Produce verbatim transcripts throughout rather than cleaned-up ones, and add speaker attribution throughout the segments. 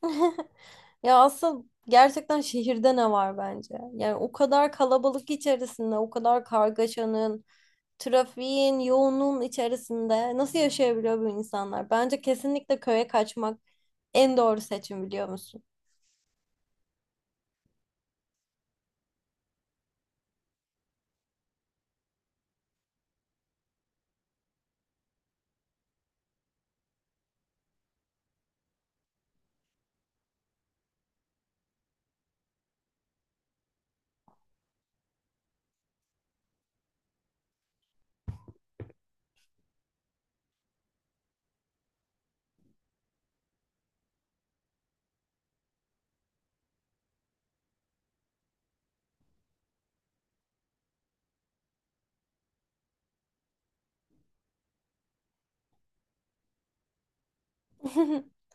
Speaker 1: Ya asıl gerçekten şehirde ne var bence? Yani o kadar kalabalık içerisinde, o kadar kargaşanın, trafiğin, yoğunluğun içerisinde nasıl yaşayabiliyor bu insanlar? Bence kesinlikle köye kaçmak en doğru seçim biliyor musun?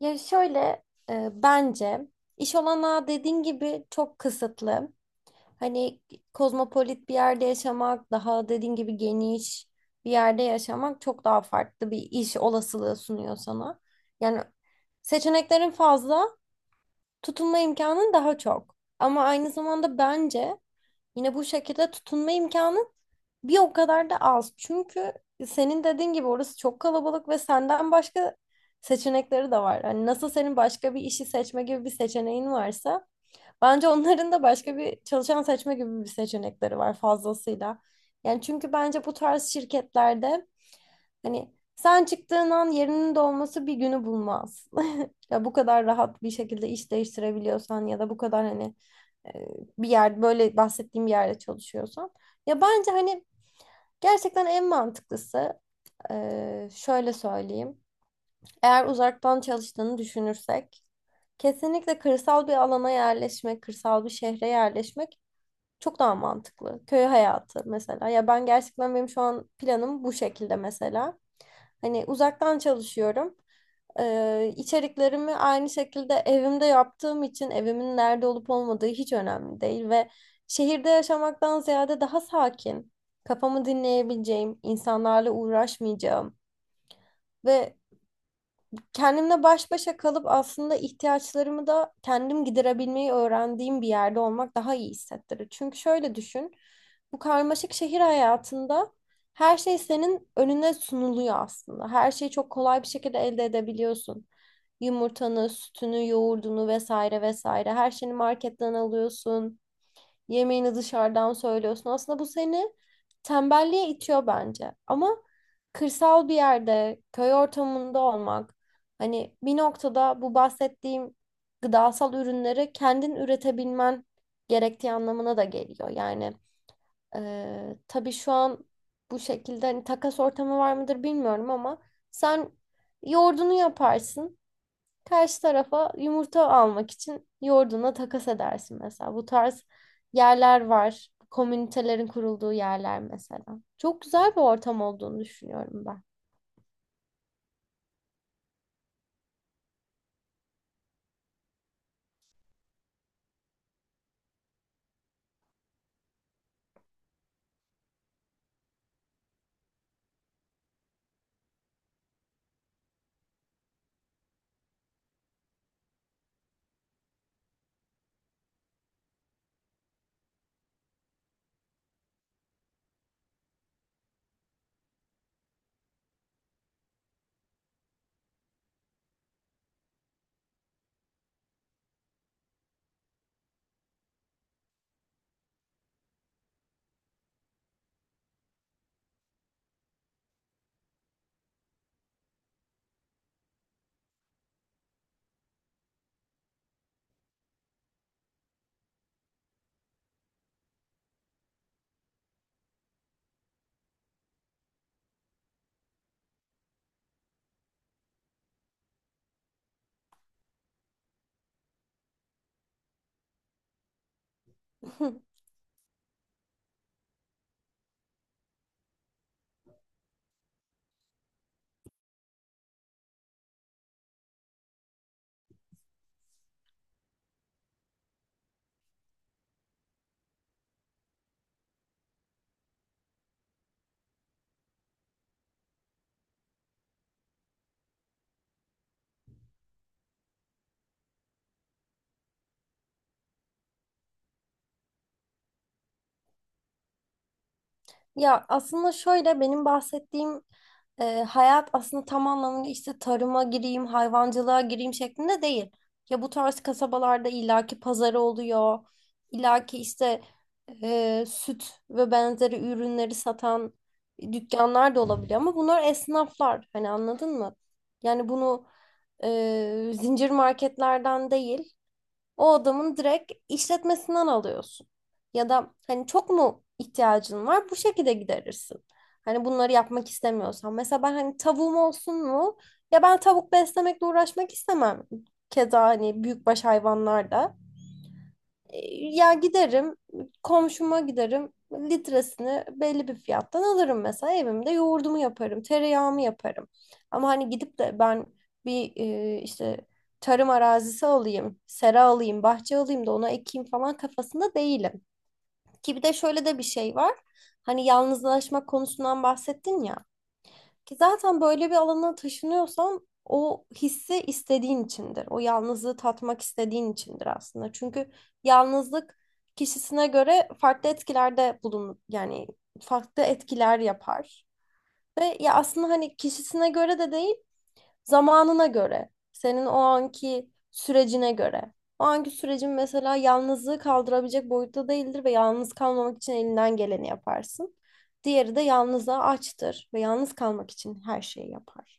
Speaker 1: Ya şöyle, e, bence iş olanağı dediğin gibi çok kısıtlı. Hani kozmopolit bir yerde yaşamak, daha dediğin gibi geniş bir yerde yaşamak çok daha farklı bir iş olasılığı sunuyor sana. Yani seçeneklerin fazla, tutunma imkanın daha çok. Ama aynı zamanda bence yine bu şekilde tutunma imkanın bir o kadar da az. Çünkü senin dediğin gibi orası çok kalabalık ve senden başka seçenekleri de var. Hani nasıl senin başka bir işi seçme gibi bir seçeneğin varsa, bence onların da başka bir çalışan seçme gibi bir seçenekleri var fazlasıyla. Yani çünkü bence bu tarz şirketlerde hani sen çıktığın an yerinin dolması bir günü bulmaz. Ya bu kadar rahat bir şekilde iş değiştirebiliyorsan ya da bu kadar hani, e, bir yer böyle bahsettiğim bir yerde çalışıyorsan. Ya bence hani gerçekten en mantıklısı, e, şöyle söyleyeyim. Eğer uzaktan çalıştığını düşünürsek kesinlikle kırsal bir alana yerleşmek, kırsal bir şehre yerleşmek çok daha mantıklı. Köy hayatı mesela. Ya ben gerçekten benim şu an planım bu şekilde mesela. Hani uzaktan çalışıyorum. Ee, içeriklerimi aynı şekilde evimde yaptığım için evimin nerede olup olmadığı hiç önemli değil ve şehirde yaşamaktan ziyade daha sakin, kafamı dinleyebileceğim, insanlarla uğraşmayacağım ve kendimle baş başa kalıp aslında ihtiyaçlarımı da kendim giderebilmeyi öğrendiğim bir yerde olmak daha iyi hissettirir. Çünkü şöyle düşün, bu karmaşık şehir hayatında her şey senin önüne sunuluyor aslında. Her şeyi çok kolay bir şekilde elde edebiliyorsun. Yumurtanı, sütünü, yoğurdunu vesaire vesaire her şeyini marketten alıyorsun. Yemeğini dışarıdan söylüyorsun. Aslında bu seni tembelliğe itiyor bence. Ama kırsal bir yerde, köy ortamında olmak, hani bir noktada bu bahsettiğim gıdasal ürünleri kendin üretebilmen gerektiği anlamına da geliyor. Yani eee tabii şu an bu şekilde hani takas ortamı var mıdır bilmiyorum ama sen yoğurdunu yaparsın. Karşı tarafa yumurta almak için yoğurduna takas edersin mesela. Bu tarz yerler var. Komünitelerin kurulduğu yerler mesela. Çok güzel bir ortam olduğunu düşünüyorum ben. Ya aslında şöyle benim bahsettiğim, e, hayat aslında tam anlamıyla işte tarıma gireyim, hayvancılığa gireyim şeklinde değil. Ya bu tarz kasabalarda illaki pazarı oluyor, illaki işte, e, süt ve benzeri ürünleri satan dükkanlar da olabiliyor ama bunlar esnaflar hani anladın mı? Yani bunu e, zincir marketlerden değil o adamın direkt işletmesinden alıyorsun. Ya da hani çok mu ihtiyacın var? Bu şekilde giderirsin. Hani bunları yapmak istemiyorsan. Mesela ben hani tavuğum olsun mu? Ya ben tavuk beslemekle uğraşmak istemem. Keza hani büyükbaş hayvanlar da. Ee, Ya giderim, komşuma giderim, litresini belli bir fiyattan alırım mesela evimde yoğurdumu yaparım, tereyağımı yaparım. Ama hani gidip de ben bir e, işte tarım arazisi alayım, sera alayım, bahçe alayım da ona ekeyim falan kafasında değilim. Ki bir de şöyle de bir şey var. Hani yalnızlaşma konusundan bahsettin ya. Ki zaten böyle bir alana taşınıyorsan o hissi istediğin içindir. O yalnızlığı tatmak istediğin içindir aslında. Çünkü yalnızlık kişisine göre farklı etkilerde bulun yani farklı etkiler yapar. Ve ya aslında hani kişisine göre de değil, zamanına göre, senin o anki sürecine göre. O anki sürecin mesela yalnızlığı kaldırabilecek boyutta değildir ve yalnız kalmamak için elinden geleni yaparsın. Diğeri de yalnızlığa açtır ve yalnız kalmak için her şeyi yapar.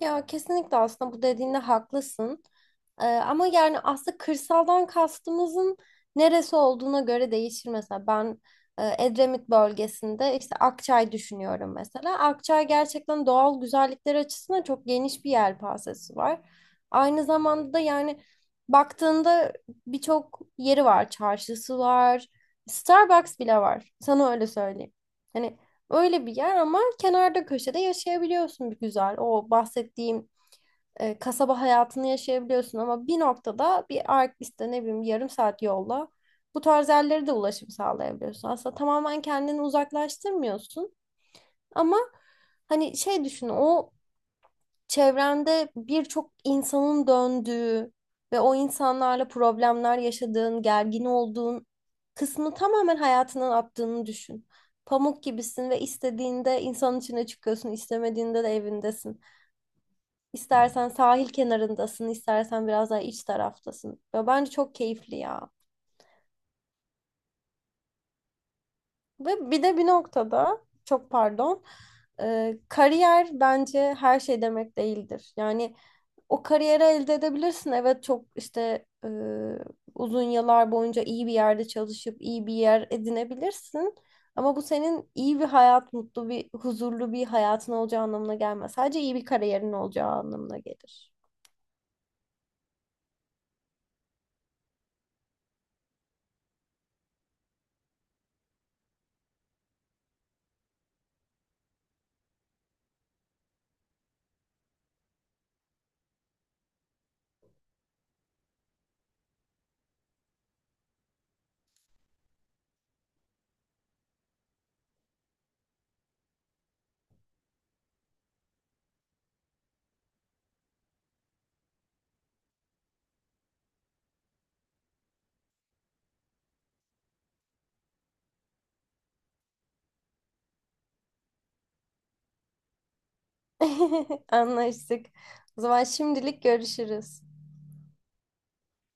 Speaker 1: Ya kesinlikle aslında bu dediğinde haklısın. Ee, ama yani aslında kırsaldan kastımızın neresi olduğuna göre değişir. Mesela ben e, Edremit bölgesinde işte Akçay düşünüyorum mesela. Akçay gerçekten doğal güzellikler açısından çok geniş bir yelpazesi var. Aynı zamanda da yani baktığında birçok yeri var. Çarşısı var. Starbucks bile var. Sana öyle söyleyeyim. Hani öyle bir yer ama kenarda köşede yaşayabiliyorsun bir güzel. O bahsettiğim e, kasaba hayatını yaşayabiliyorsun ama bir noktada bir Artvis'te ne bileyim yarım saat yolla bu tarz yerlere de ulaşım sağlayabiliyorsun. Aslında tamamen kendini uzaklaştırmıyorsun ama hani şey düşün, o çevrende birçok insanın döndüğü ve o insanlarla problemler yaşadığın, gergin olduğun kısmı tamamen hayatından attığını düşün. Pamuk gibisin ve istediğinde insanın içine çıkıyorsun, istemediğinde de evindesin. İstersen sahil kenarındasın, istersen biraz daha iç taraftasın. Ve bence çok keyifli ya. Ve bir de bir noktada, çok pardon, e, kariyer bence her şey demek değildir. Yani o kariyeri elde edebilirsin. Evet çok işte e, uzun yıllar boyunca iyi bir yerde çalışıp iyi bir yer edinebilirsin. Ama bu senin iyi bir hayat, mutlu bir, huzurlu bir hayatın olacağı anlamına gelmez. Sadece iyi bir kariyerin olacağı anlamına gelir. Anlaştık. O zaman şimdilik görüşürüz.